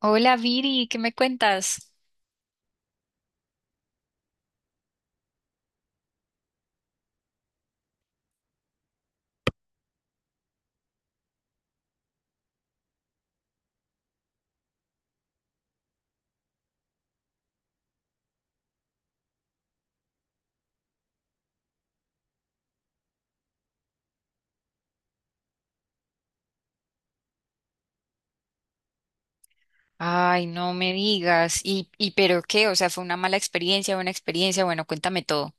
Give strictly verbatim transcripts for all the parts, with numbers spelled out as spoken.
Hola Viri, ¿qué me cuentas? Ay, no me digas. ¿Y, y pero qué? O sea, ¿fue una mala experiencia, buena experiencia? Bueno, cuéntame todo.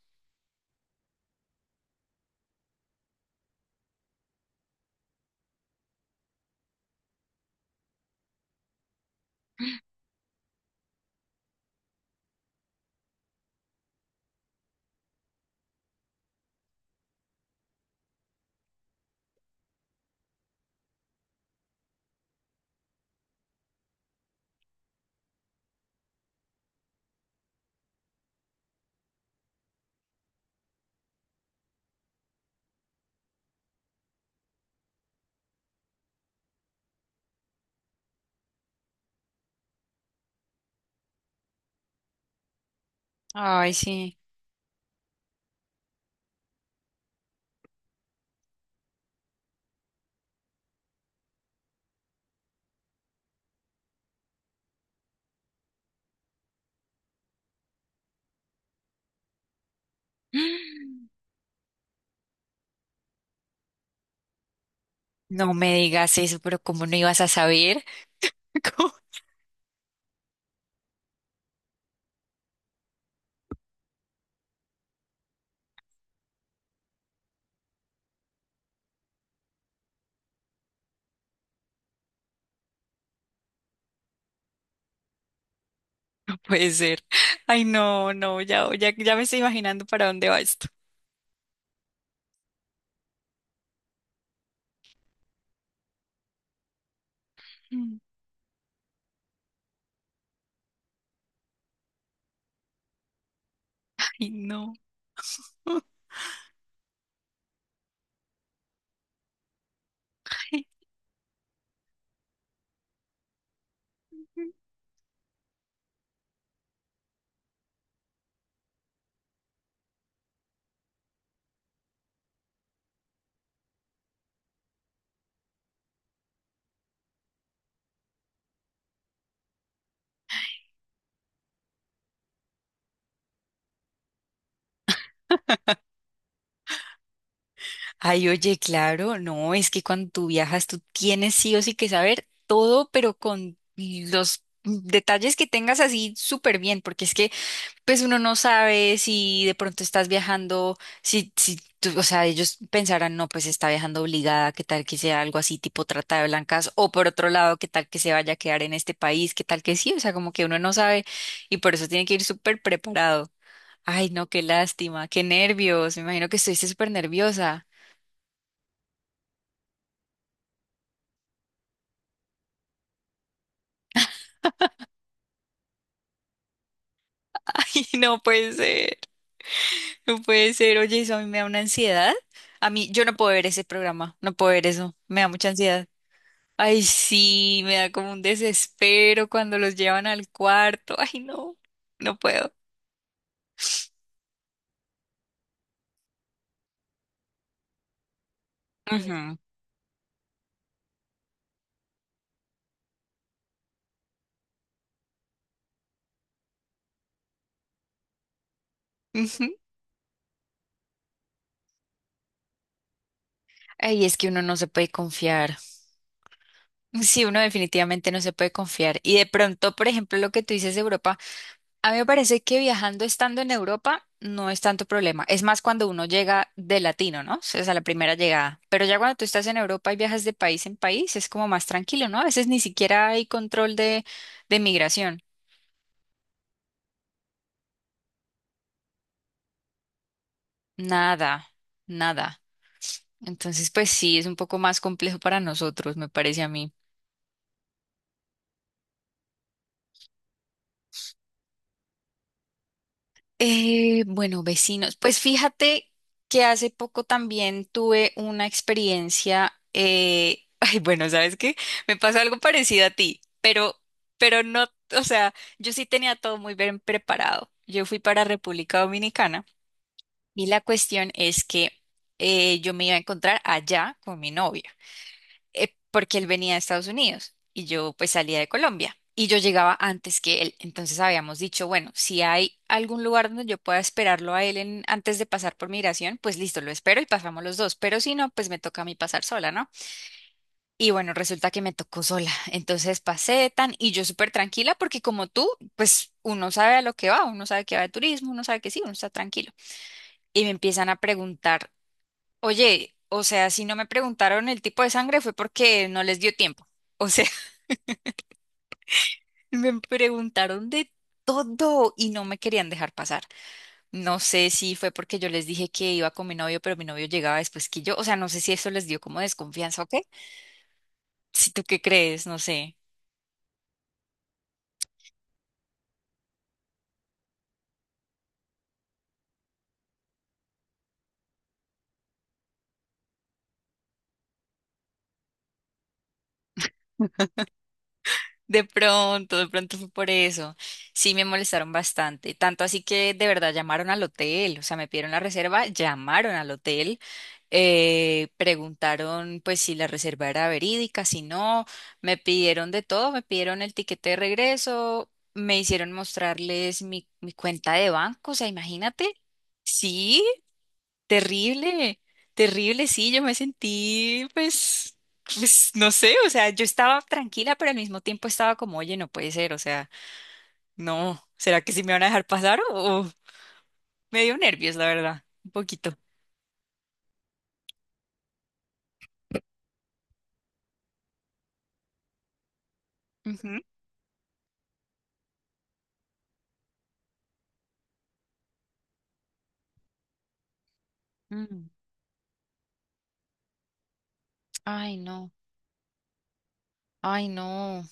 Ay, sí. No me digas eso, pero ¿cómo no ibas a saber? ¿Cómo? No puede ser. Ay, no, no, ya, ya, ya me estoy imaginando para dónde va esto. Mm. Ay, no. Ay, Oye, claro, no, es que cuando tú viajas, tú tienes sí o sí que saber todo, pero con los detalles que tengas así súper bien, porque es que pues uno no sabe si de pronto estás viajando, si, si tú- o sea, ellos pensarán, no, pues está viajando obligada, qué tal que sea algo así tipo trata de blancas, o por otro lado, qué tal que se vaya a quedar en este país, qué tal que sí, o sea, como que uno no sabe y por eso tiene que ir súper preparado. Ay, no, qué lástima, qué nervios, me imagino que estuviste súper nerviosa. Ay, no puede ser, no puede ser, oye, eso a mí me da una ansiedad. A mí, yo no puedo ver ese programa, no puedo ver eso, me da mucha ansiedad. Ay, sí, me da como un desespero cuando los llevan al cuarto. Ay, no, no puedo. Ujú, ujú. Ay, es que uno no se puede confiar. Sí, uno definitivamente no se puede confiar. Y de pronto, por ejemplo, lo que tú dices de Europa, a mí me parece que viajando estando en Europa no es tanto problema. Es más cuando uno llega de latino, ¿no? O sea, la primera llegada. Pero ya cuando tú estás en Europa y viajas de país en país, es como más tranquilo, ¿no? A veces ni siquiera hay control de, de migración. Nada, nada. Entonces, pues sí, es un poco más complejo para nosotros, me parece a mí. Eh, bueno, vecinos, pues fíjate que hace poco también tuve una experiencia, eh, ay, bueno, ¿sabes qué? Me pasó algo parecido a ti, pero, pero no, o sea, yo sí tenía todo muy bien preparado. Yo fui para República Dominicana y la cuestión es que eh, yo me iba a encontrar allá con mi novia. Eh, porque él venía de Estados Unidos y yo pues salía de Colombia y yo llegaba antes que él. Entonces habíamos dicho, bueno, si hay algún lugar donde yo pueda esperarlo a él en- antes de pasar por migración, pues listo, lo espero y pasamos los dos, pero si no, pues me toca a mí pasar sola, ¿no? Y bueno, resulta que me tocó sola. Entonces pasé tan y yo súper tranquila porque como tú, pues uno sabe a lo que va, uno sabe que va de turismo, uno sabe que sí, uno está tranquilo. Y me empiezan a preguntar, oye, o sea, si no me preguntaron el tipo de sangre fue porque no les dio tiempo. O sea, me preguntaron de todo y no me querían dejar pasar. No sé si fue porque yo les dije que iba con mi novio, pero mi novio llegaba después que yo. O sea, no sé si eso les dio como desconfianza o qué. Si tú qué crees, no sé. De pronto, de pronto fue por eso. Sí, me molestaron bastante. Tanto así que de verdad llamaron al hotel, o sea, me pidieron la reserva, llamaron al hotel, eh, preguntaron pues si la reserva era verídica, si no, me pidieron de todo, me pidieron el tiquete de regreso, me hicieron mostrarles mi, mi cuenta de banco, o sea, imagínate. Sí. Terrible, terrible, sí, yo me sentí, pues, pues, no sé, o sea, yo estaba tranquila, pero al mismo tiempo estaba como, oye, no puede ser, o sea, no, ¿será que sí me van a dejar pasar? O, o- me dio nervios, la verdad, un poquito. Ujú. Mm, ay, no, ay, no.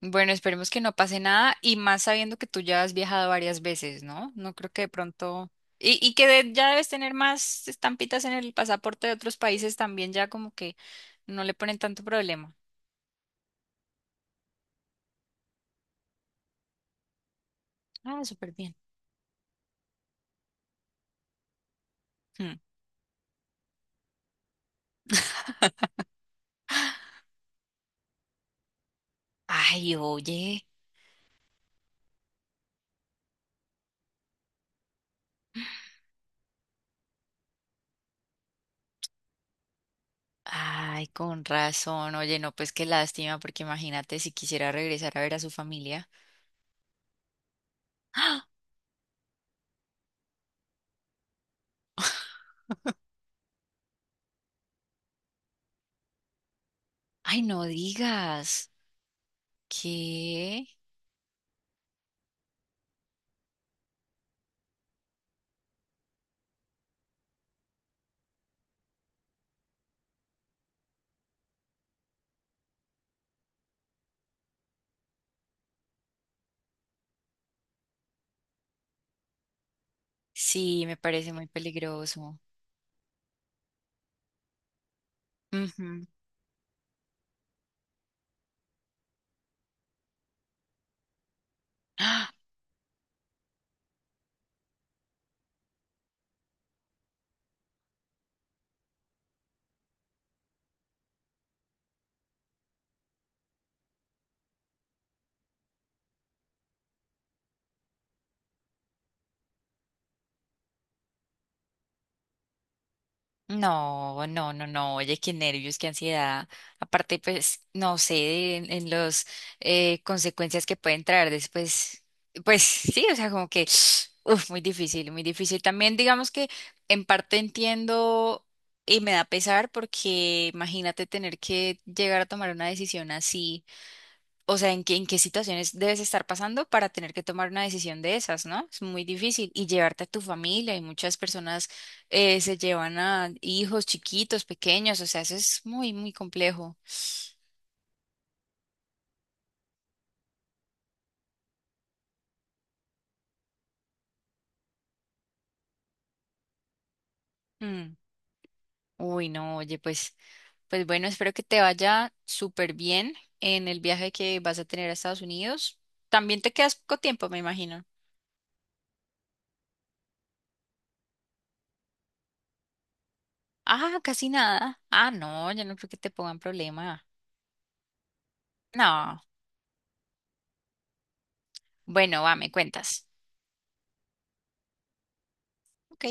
Bueno, esperemos que no pase nada y más sabiendo que tú ya has viajado varias veces, ¿no? No creo que de pronto... Y, y que de- ya debes tener más estampitas en el pasaporte de otros países también, ya como que no le ponen tanto problema. Ah, súper bien. Hmm. Ay, oye. Ay, con razón. Oye, no, pues qué lástima, porque imagínate si quisiera regresar a ver a su familia. ¡Ah! Ay, no digas. ¿Qué? Sí, me parece muy peligroso. Ujú. ¡Ah! No, no, no, no, oye, qué nervios, qué ansiedad. Aparte, pues, no sé, en, en los eh, consecuencias que pueden traer después, pues sí, o sea, como que, uf, muy difícil, muy difícil. También digamos que en parte entiendo y me da pesar porque imagínate tener que llegar a tomar una decisión así, o sea, en qué, en qué situaciones debes estar pasando para tener que tomar una decisión de esas, ¿no? Es muy difícil. Y llevarte a tu familia, y muchas personas eh, se llevan a hijos chiquitos, pequeños, o sea, eso es muy, muy complejo. Mm. Uy, no, oye, pues, pues bueno, espero que te vaya súper bien en el viaje que vas a tener a Estados Unidos. También te quedas poco tiempo, me imagino. Ah, casi nada. Ah, no, yo no creo que te pongan problema. No. Bueno, va, me cuentas. Ok.